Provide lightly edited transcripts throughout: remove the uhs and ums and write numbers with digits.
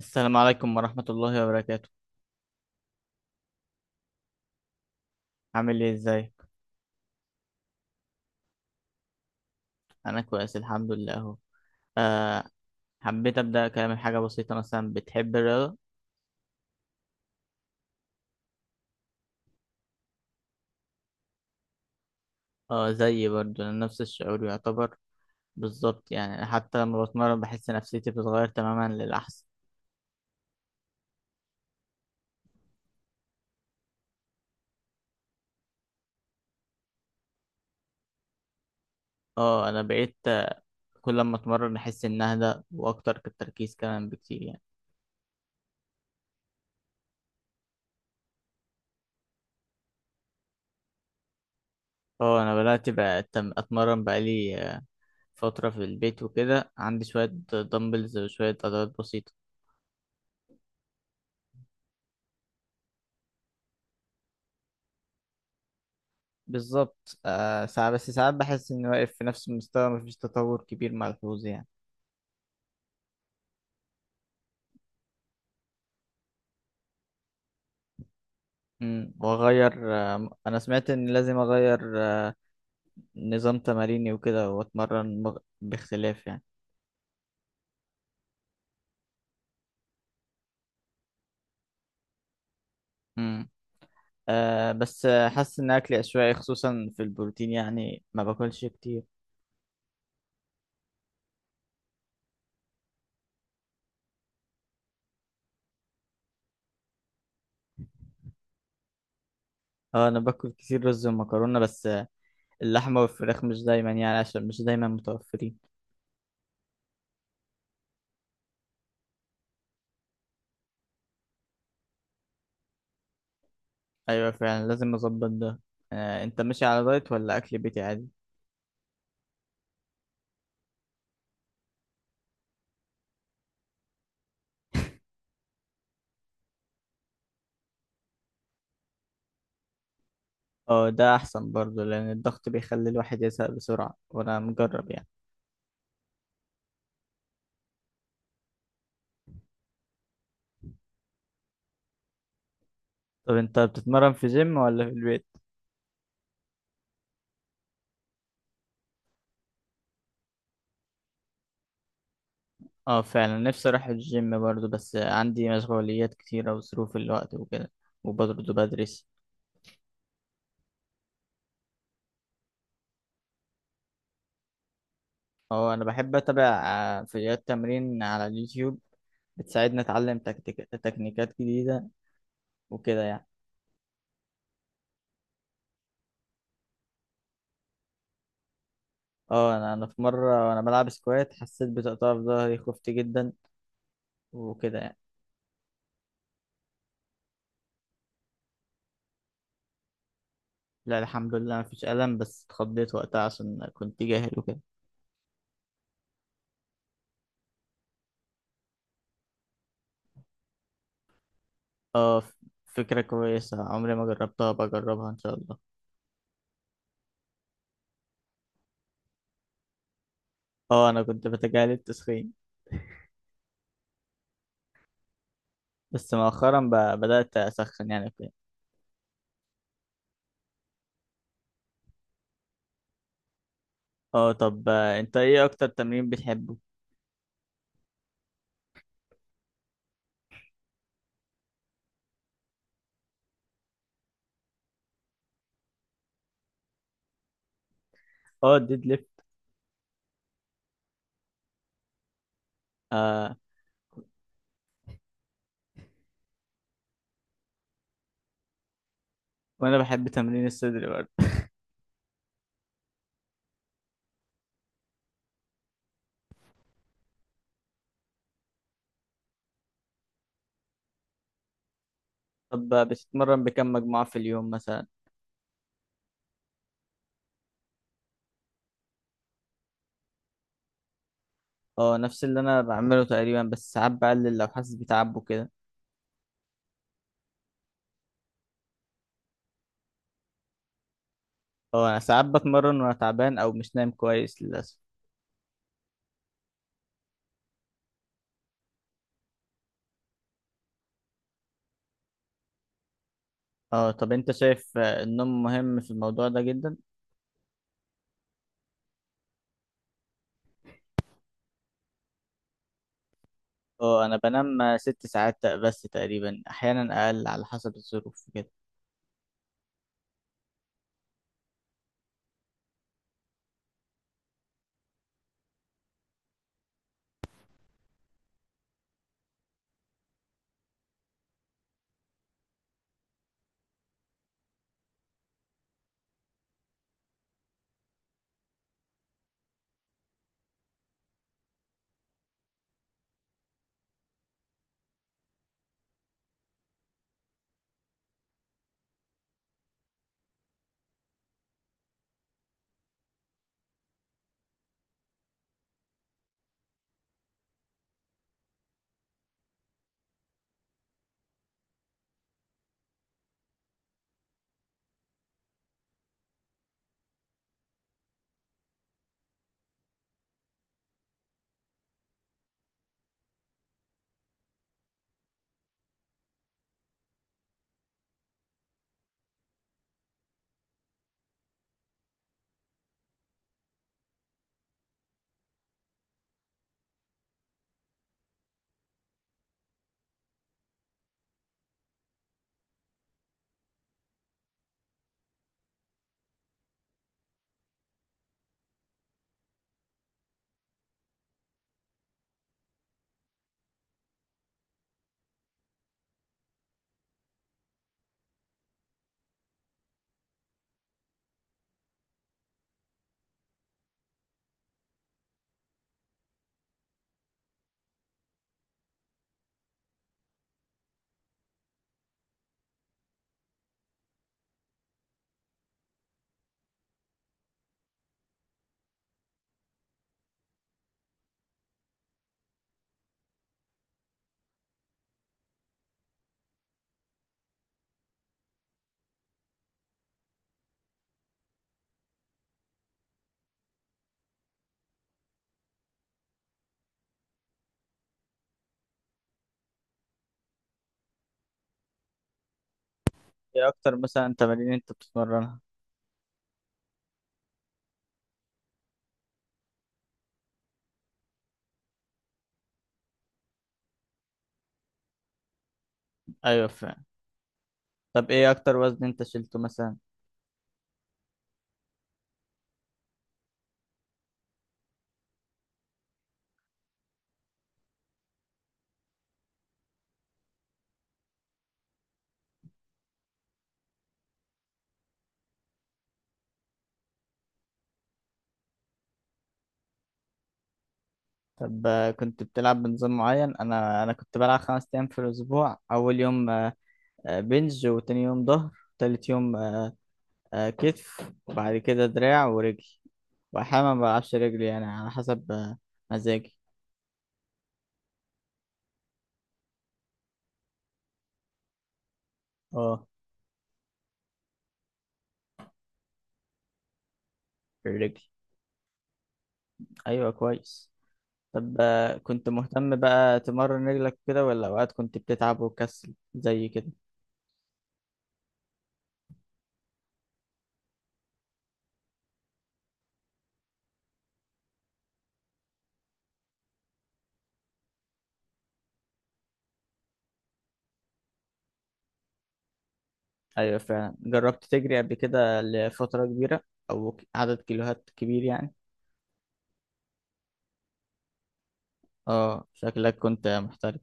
السلام عليكم ورحمة الله وبركاته. عامل ايه ازاي؟ انا كويس الحمد لله اهو. أه. حبيت ابدأ كلامي بحاجة بسيطة، مثلا بتحب الرياضة؟ اه، زيي برضو، انا نفس الشعور يعتبر. بالظبط، يعني أنا حتى لما بتمرن بحس نفسيتي بتتغير تماما للأحسن. اه انا بقيت، كل ما اتمرن احس ان اهدى واكتر، التركيز كمان بكتير يعني. اه انا بدأت بقى اتمرن بقالي فترة في البيت وكده، عندي شوية دمبلز وشوية عضلات بسيطة. بالظبط. ساعات، ساعات بحس إني واقف في نفس المستوى، مفيش تطور كبير ملحوظ يعني. وأغير، أنا سمعت إن لازم أغير نظام تماريني وكده، وأتمرن باختلاف يعني. امم بس حاسس إن أكلي عشوائي، خصوصا في البروتين، يعني ما باكلش كتير. اه أنا باكل كتير رز ومكرونة، بس اللحمة والفراخ مش دايما يعني، عشان مش دايما متوفرين. أيوة، فعلا لازم أظبط ده. أنت ماشي على دايت ولا أكل بيتي عادي؟ اه، ده احسن برضه، لان الضغط بيخلي الواحد يزهق بسرعة، وانا مجرب يعني. طب انت بتتمرن في جيم ولا في البيت؟ اه فعلا، نفسي اروح الجيم برضه، بس عندي مشغوليات كتيرة وظروف الوقت وكده، وبرضه بدرس. اه انا بحب اتابع فيديوهات تمرين على اليوتيوب، بتساعدني اتعلم تكنيكات جديدة وكده يعني. اه انا في مرة وانا بلعب سكوات حسيت بتقطع في ظهري، خفت جدا وكده يعني. لا الحمد لله مفيش ألم، بس اتخضيت وقتها عشان كنت جاهل وكده. اه، فكرة كويسة، عمري ما جربتها، بجربها ان شاء الله. اه انا كنت بتجاهل التسخين، بس مؤخرا بدأت اسخن يعني كده. اه، طب انت ايه اكتر تمرين بتحبه؟ اه، الديد ليفت. آه. وانا بحب تمرين الصدر برضه. طب بتتمرن بكم مجموعة في اليوم مثلا؟ اه، نفس اللي انا بعمله تقريبا، بس ساعات بقلل لو حاسس بتعب وكده. اه انا ساعات بتمرن وانا تعبان او مش نايم كويس للاسف. اه طب انت شايف النوم مهم في الموضوع ده جدا؟ اه انا بنام 6 ساعات بس تقريبا، احيانا اقل على حسب الظروف كده. ايه اكتر مثلا تمارين انت بتتمرنها؟ ايوه فعلا. طب ايه اكتر وزن انت شلته مثلا؟ طب كنت بتلعب بنظام معين؟ انا كنت بلعب 5 ايام في الاسبوع، اول يوم بنج، وتاني يوم ظهر، تالت يوم كتف، وبعد كده دراع ورجل، واحيانا ما بلعبش رجلي يعني، على حسب مزاجي. اه. الرجل. ايوه كويس. طب كنت مهتم بقى تمرن رجلك كده، ولا اوقات كنت بتتعب وكسل زي كده؟ ايوه فعلا. جربت تجري قبل كده لفترة كبيرة، او عدد كيلوهات كبير يعني؟ اه، شكلك كنت محترف.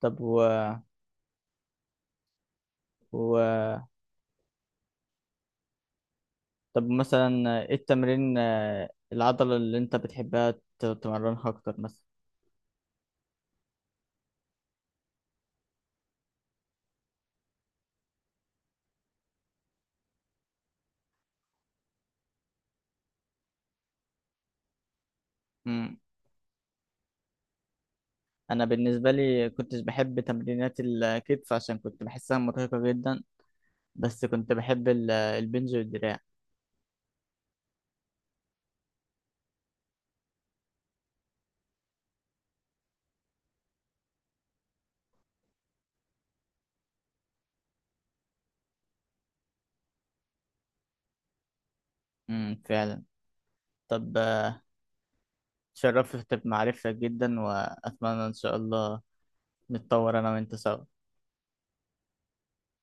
طب و... طب مثلا ايه التمرين آه، العضلة اللي انت بتحبها تمرنها اكتر مثلا؟ مم. انا بالنسبة لي كنتش بحب تمرينات الكتف عشان كنت بحسها مرهقة جدا، بس كنت بحب البنج والدراع. مم. فعلا. طب، شرفت بمعرفتك جدا، وأتمنى إن شاء الله نتطور أنا وأنت سوا.